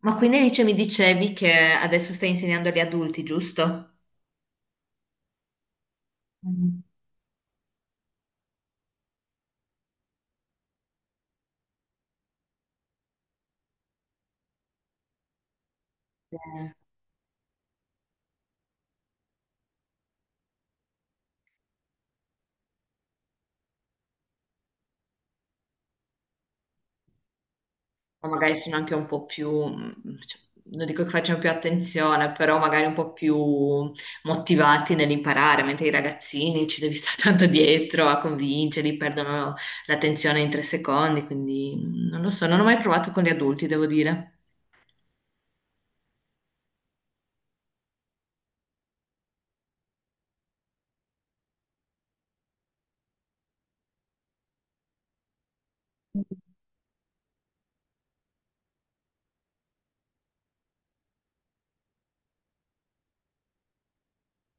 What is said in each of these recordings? Ma quindi Alice mi dicevi che adesso stai insegnando agli adulti, giusto? Mm. Eh, O magari sono anche un po' più, cioè, non dico che facciano più attenzione, però magari un po' più motivati nell'imparare, mentre i ragazzini ci devi stare tanto dietro a convincerli, perdono l'attenzione in tre secondi, quindi non lo so, non ho mai provato con gli adulti, devo dire.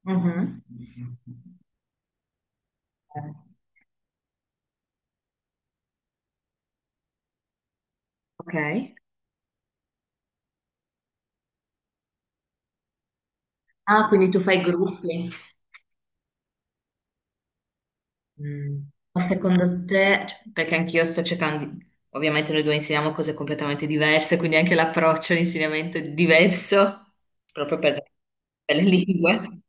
Mhm. Ok. Ah, quindi tu fai gruppi. Mm. Ma secondo te, cioè, perché anch'io sto cercando, ovviamente noi due insegniamo cose completamente diverse, quindi anche l'approccio all'insegnamento è diverso, proprio per le lingue.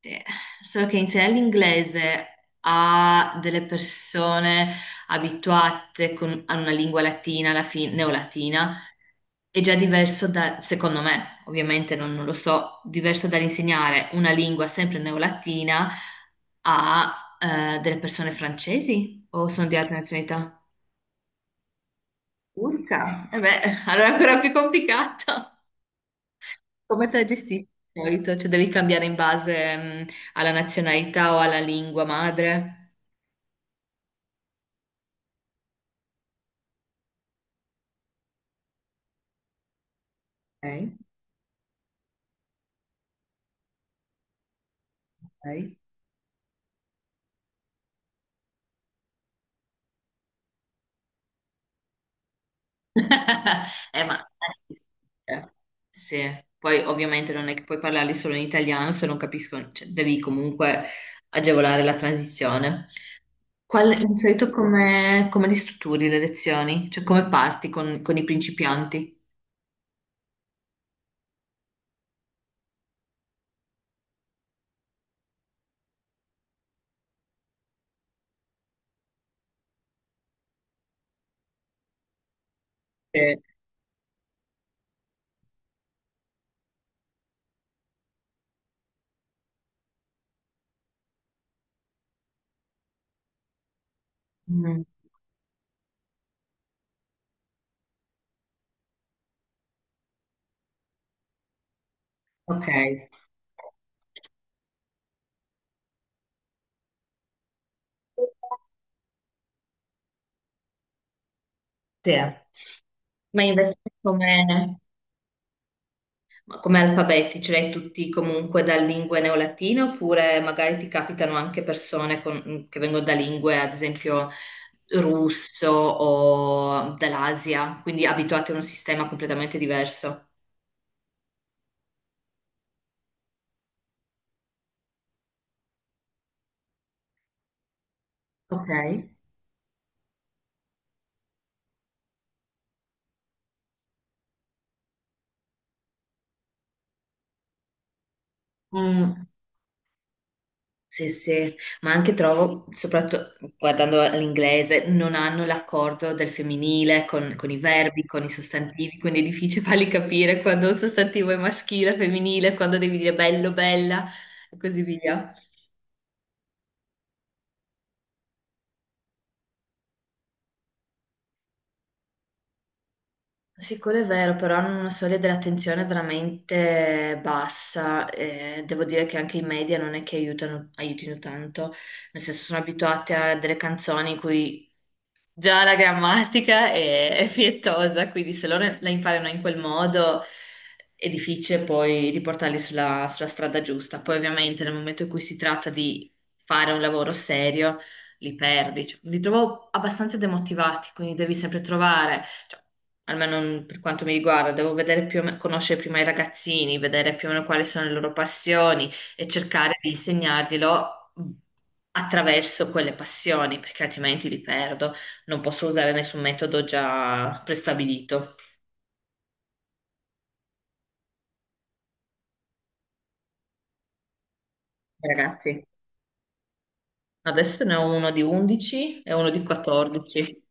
Sì, solo che insegnare l'inglese a delle persone abituate a una lingua latina, alla fine, neolatina, è già diverso da, secondo me, ovviamente non lo so, diverso dall'insegnare una lingua sempre neolatina a delle persone francesi o sono di altre nazionalità? Turca? E beh, allora è ancora più complicato. Come te la gestisci di solito? Cioè devi cambiare in base, alla nazionalità o alla lingua madre? Ok, ok. Ma... eh, sì, poi ovviamente non è che puoi parlarli solo in italiano se non capiscono, cioè, devi comunque agevolare la transizione. Qual, di solito come, come li strutturi le lezioni? Cioè come parti con i principianti? Sì. Mm, ok. Sì. Ma invece come, come alfabeti ce l'hai tutti comunque da lingue neolatine oppure magari ti capitano anche persone che vengono da lingue, ad esempio russo o dall'Asia, quindi abituate a un sistema completamente diverso. Ok. Mm, sì, sì, ma anche trovo, soprattutto guardando all'inglese, non hanno l'accordo del femminile con i verbi, con i sostantivi, quindi è difficile farli capire quando un sostantivo è maschile, femminile, quando devi dire bello, bella e così via. Sì, quello è vero, però hanno una soglia dell'attenzione veramente bassa. Devo dire che anche i media non è che aiutano, aiutino tanto, nel senso sono abituati a delle canzoni in cui già la grammatica è fietosa, quindi se loro la imparano in quel modo è difficile poi riportarli sulla, sulla strada giusta. Poi ovviamente nel momento in cui si tratta di fare un lavoro serio, li perdi. Cioè, li trovo abbastanza demotivati, quindi devi sempre trovare, cioè, almeno per quanto mi riguarda, devo vedere conoscere prima i ragazzini, vedere più o meno quali sono le loro passioni e cercare di insegnarglielo attraverso quelle passioni, perché altrimenti li perdo non posso usare nessun metodo già prestabilito. Ragazzi, adesso ne ho uno di 11 e uno di 14.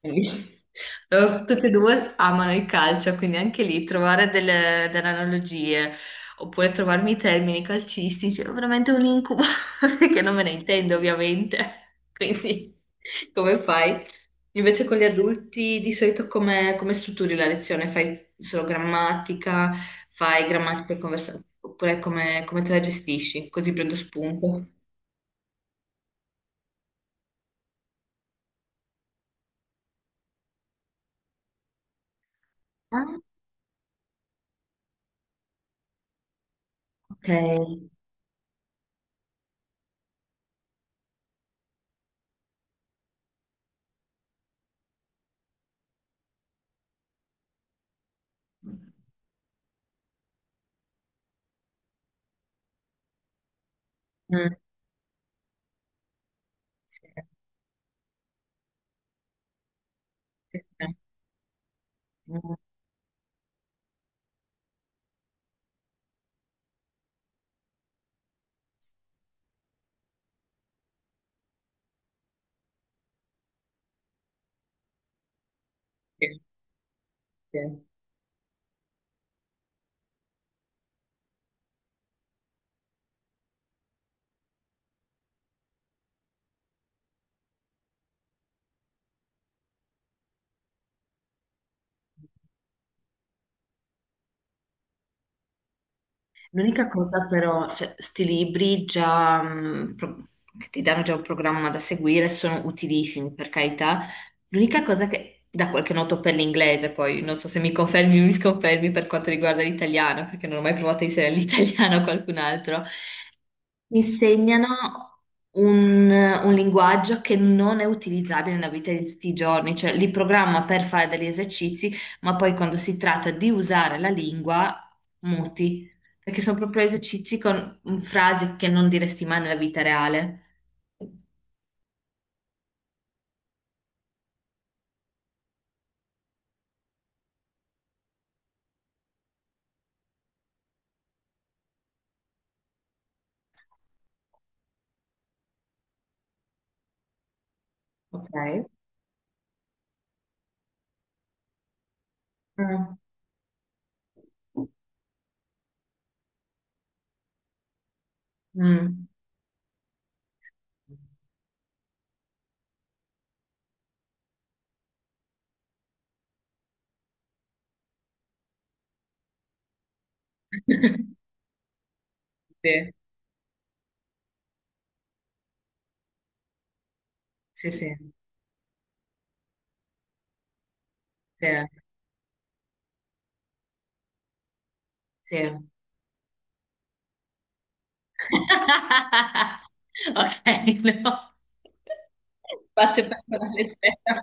Quindi, tutti e due amano il calcio, quindi anche lì trovare delle, delle analogie oppure trovarmi i termini calcistici è veramente un incubo, che non me ne intendo ovviamente. Quindi come fai? Invece con gli adulti di solito come, come strutturi la lezione? Fai solo grammatica, fai grammatica e conversazione, oppure come, come te la gestisci? Così prendo spunto. Ok, mm, sì, sì, sì, mm, sì, sì. L'unica cosa però, cioè, sti libri già, che ti danno già un programma da seguire sono utilissimi, per carità. L'unica cosa che da qualche noto per l'inglese, poi non so se mi confermi o mi sconfermi per quanto riguarda l'italiano, perché non ho mai provato a inserire l'italiano a qualcun altro, mi insegnano un linguaggio che non è utilizzabile nella vita di tutti i giorni, cioè li programma per fare degli esercizi, ma poi quando si tratta di usare la lingua, muti, perché sono proprio esercizi con frasi che non diresti mai nella vita reale. Ok. Mm. Mm. Sì, sì, sì, sì, sì. Ok, no. Spazio personale zero.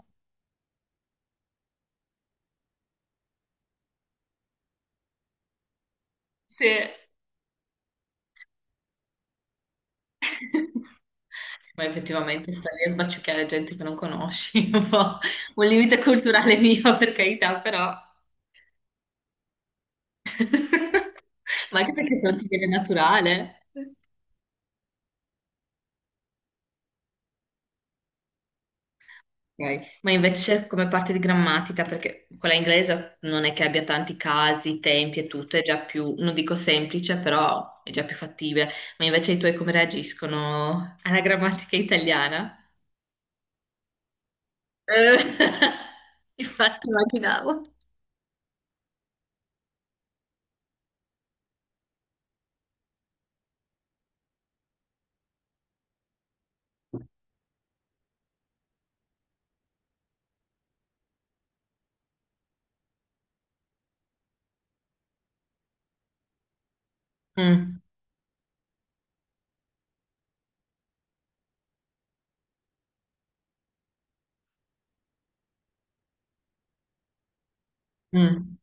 Sì. Sì, ma effettivamente stare lì a sbaciucchiare gente che non conosci, è un po' un limite culturale mio, per carità, però. Ma anche perché se non ti viene naturale. Ok. Ma invece come parte di grammatica, perché quella inglese non è che abbia tanti casi, tempi e tutto, è già più, non dico semplice, però è già più fattibile. Ma invece i tuoi come reagiscono alla grammatica italiana? Eh, infatti immaginavo. Mm, mm.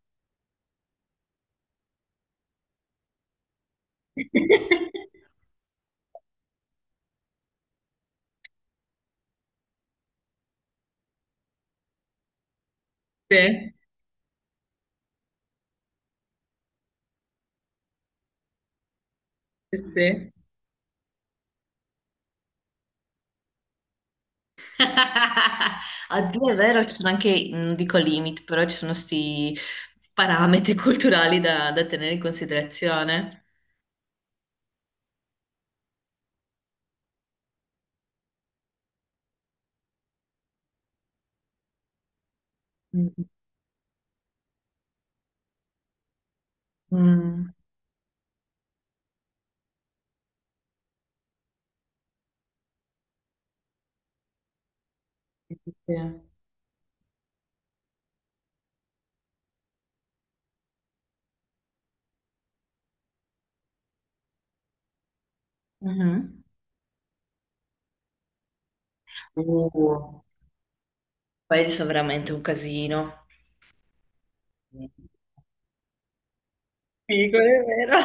Sì, sì, sì. Oddio, è vero, ci sono anche, non dico limit, però ci sono sti parametri culturali da, da tenere in considerazione. Mm, mm, sì, sì, sì. Mhm. Uh, paesi sono veramente un casino. Sì, quello è vero.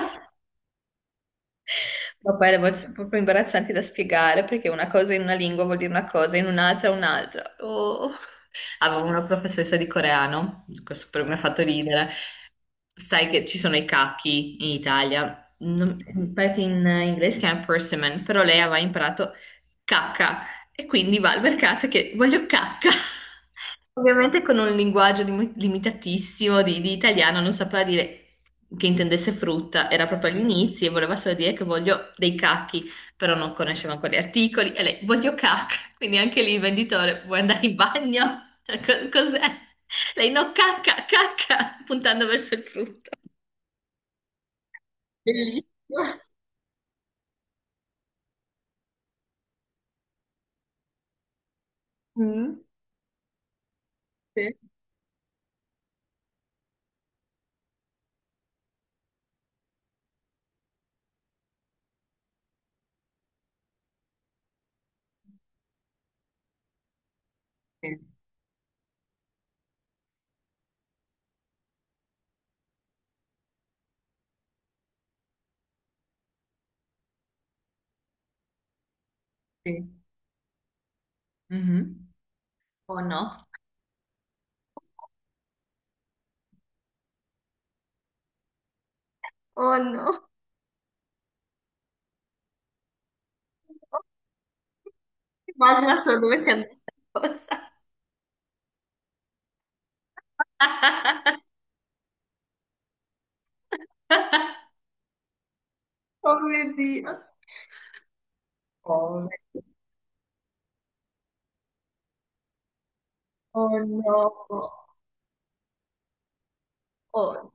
Ma poi le volte sono proprio imbarazzanti da spiegare perché una cosa in una lingua vuol dire una cosa, in un'altra un'altra. Oh. Avevo una professoressa di coreano, questo per me ha fatto ridere. Sai che ci sono i cachi in Italia, pare che in inglese si chiama persimmon, però lei aveva imparato cacca e quindi va al mercato che voglio cacca. Ovviamente con un linguaggio limitatissimo di italiano, non sapeva dire che intendesse frutta, era proprio all'inizio e voleva solo dire che voglio dei cacchi però non conosceva quegli articoli e lei voglio cacca, quindi anche lì il venditore vuoi andare in bagno? Cos'è? Lei no, cacca, cacca, puntando verso il frutto. Bellissimo. Mm. Sì, sì, sì. Mhm. Oh no. Oh no, immagina solo dove sia andata la cosa. Oh mio Dio. Oh, mio Dio. Oh, no. Oh no,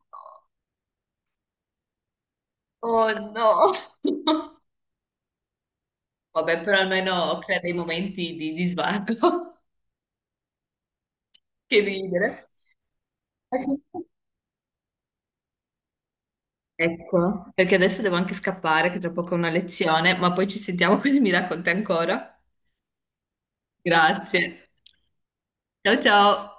oh no. Vabbè, però almeno crea dei momenti di svago. Che ridere. Eh sì. Ecco, perché adesso devo anche scappare, che tra poco ho una lezione, ma poi ci sentiamo così mi racconti ancora. Grazie. Ciao ciao.